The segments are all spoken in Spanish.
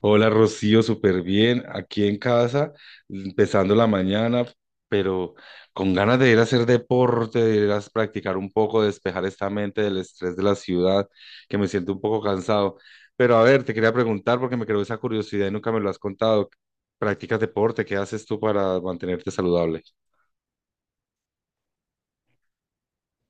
Hola Rocío, súper bien, aquí en casa, empezando la mañana, pero con ganas de ir a hacer deporte, de ir a practicar un poco, despejar esta mente del estrés de la ciudad, que me siento un poco cansado. Pero a ver, te quería preguntar porque me creó esa curiosidad y nunca me lo has contado. ¿Practicas deporte? ¿Qué haces tú para mantenerte saludable?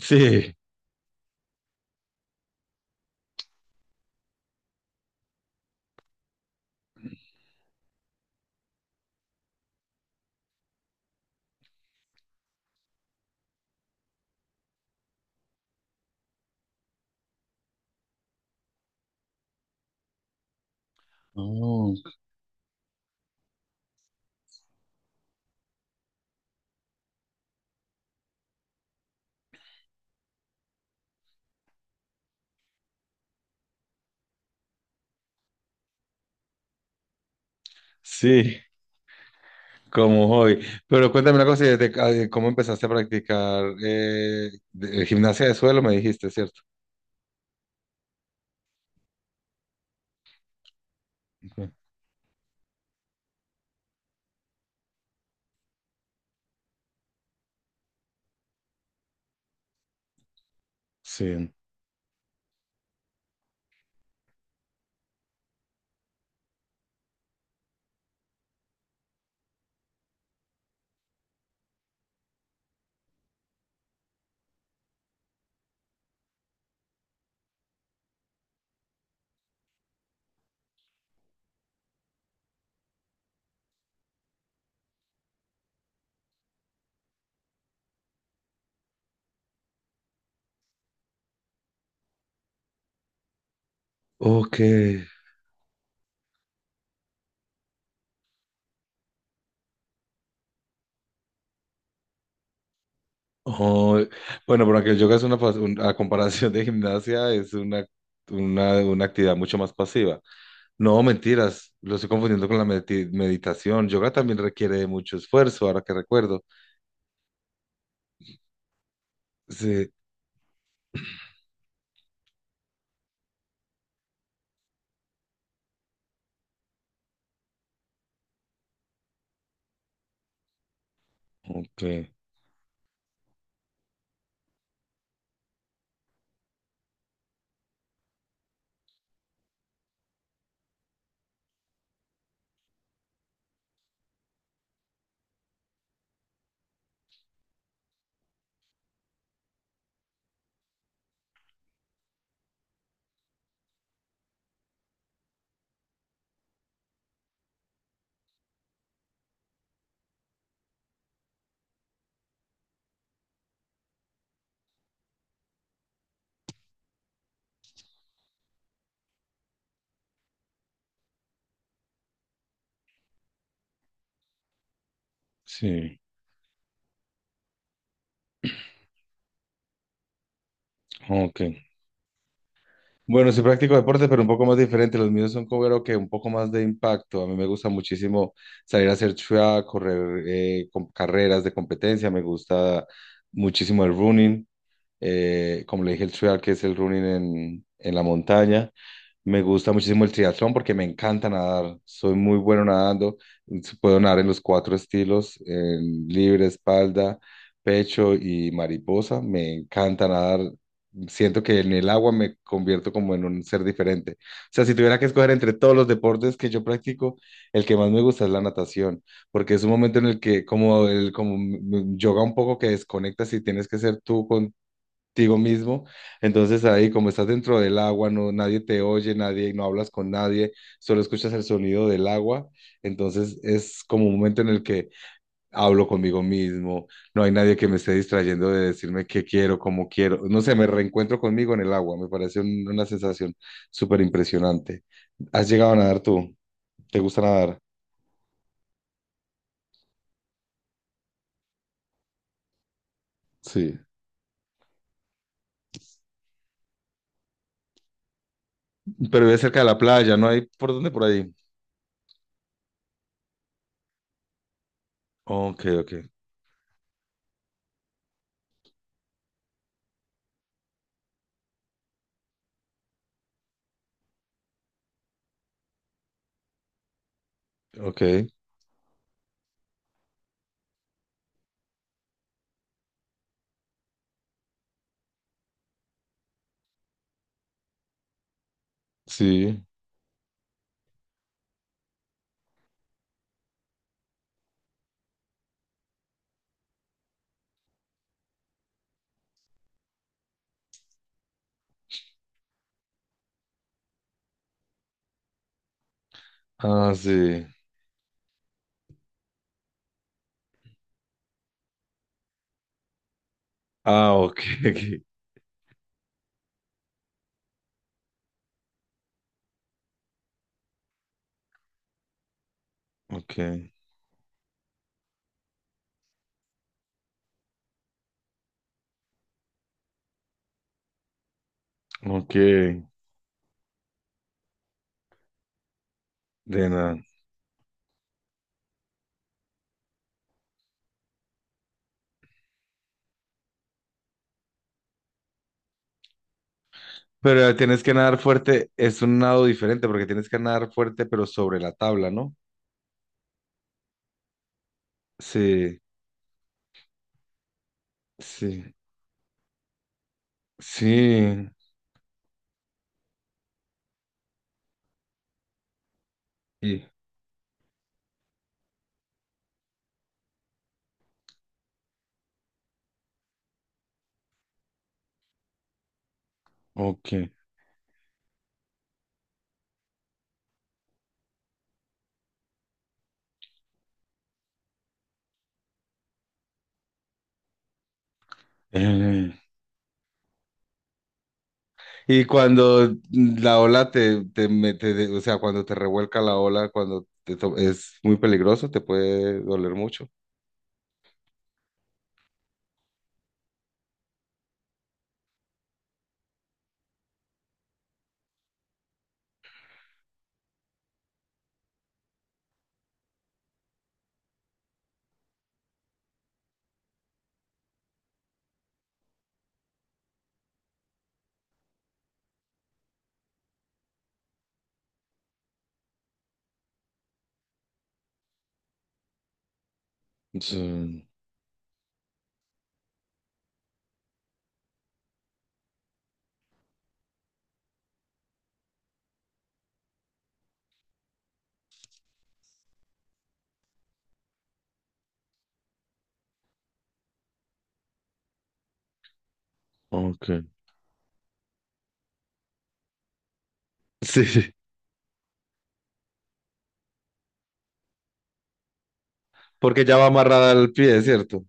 Sí. Oh, sí, como hoy. Pero cuéntame una cosa, ¿y cómo empezaste a practicar gimnasia de suelo? Me dijiste, ¿cierto? Sí. Ok. Oh, bueno, pero aunque el yoga es a comparación de gimnasia, es una actividad mucho más pasiva. No, mentiras, lo estoy confundiendo con la meditación. Yoga también requiere de mucho esfuerzo, ahora que recuerdo. Sí, ok, sí, ok. Bueno, sí practico deporte, pero un poco más diferente. Los míos son como creo que un poco más de impacto. A mí me gusta muchísimo salir a hacer track, correr carreras de competencia. Me gusta muchísimo el running. Como le dije, el trial, que es el running en la montaña. Me gusta muchísimo el triatlón porque me encanta nadar. Soy muy bueno nadando. Puedo nadar en los cuatro estilos, en libre, espalda, pecho y mariposa. Me encanta nadar. Siento que en el agua me convierto como en un ser diferente. O sea, si tuviera que escoger entre todos los deportes que yo practico, el que más me gusta es la natación, porque es un momento en el que como el como m- m- yoga un poco que desconectas y tienes que ser tú con contigo mismo. Entonces ahí, como estás dentro del agua, no, nadie te oye, nadie, no hablas con nadie, solo escuchas el sonido del agua. Entonces es como un momento en el que hablo conmigo mismo, no hay nadie que me esté distrayendo de decirme qué quiero, cómo quiero. No sé, me reencuentro conmigo en el agua, me parece una sensación súper impresionante. ¿Has llegado a nadar tú? ¿Te gusta nadar? Sí. Pero vive cerca de la playa, ¿no hay por dónde por ahí? Ok, ok, ok, sí. Ah, sí. Ah, ok, ok, ok, ok, de nada. Pero tienes que nadar fuerte, es un nado diferente porque tienes que nadar fuerte pero sobre la tabla, ¿no? Sí, sí, sí, y, ok. Eh, Y cuando la ola te mete, o sea, cuando te revuelca la ola, cuando es muy peligroso, te puede doler mucho. Sí, ok. Sí, porque ya va amarrada al pie, ¿cierto?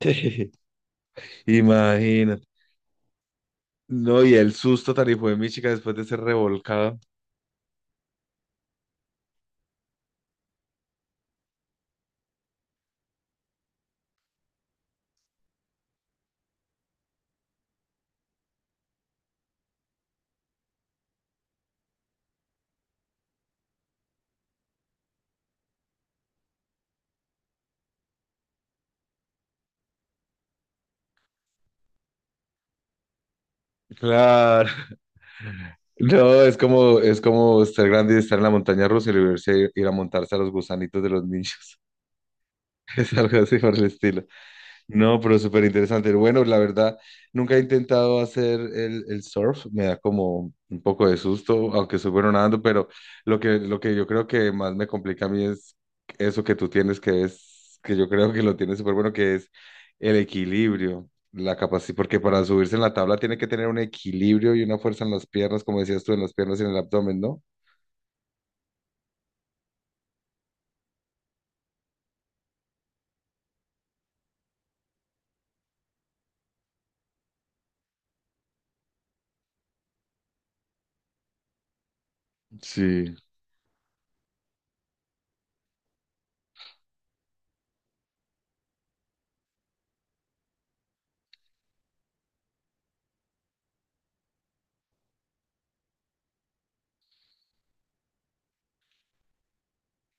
Imagina. No, y el susto tan hijo de mi chica después de ser revolcada. Claro. No, es como ser grande y estar en la montaña rusa y volverse a ir a montarse a los gusanitos de los niños. Es algo así por el estilo. No, pero súper interesante. Bueno, la verdad, nunca he intentado hacer el surf, me da como un poco de susto, aunque soy bueno nadando, pero lo que yo creo que más me complica a mí es eso que tú tienes, que es, que yo creo que lo tienes súper bueno, que es el equilibrio, la capacidad, porque para subirse en la tabla tiene que tener un equilibrio y una fuerza en las piernas, como decías tú, en las piernas y en el abdomen, ¿no? Sí.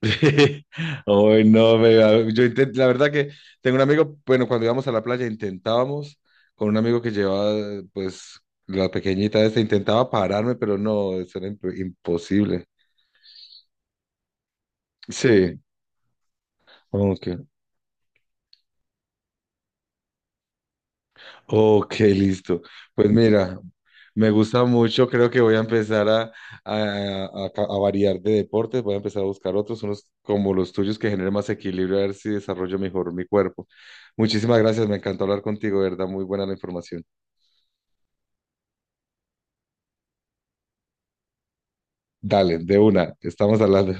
Hoy no, la verdad que tengo un amigo, bueno, cuando íbamos a la playa intentábamos, con un amigo que llevaba, pues, la pequeñita esta, intentaba pararme, pero no, eso era imposible. Sí, ok, ok, listo. Pues mira, me gusta mucho, creo que voy a empezar a variar de deportes, voy a empezar a buscar otros, unos como los tuyos que generen más equilibrio, a ver si desarrollo mejor mi cuerpo. Muchísimas gracias, me encantó hablar contigo, de verdad, muy buena la información. Dale, de una, estamos hablando.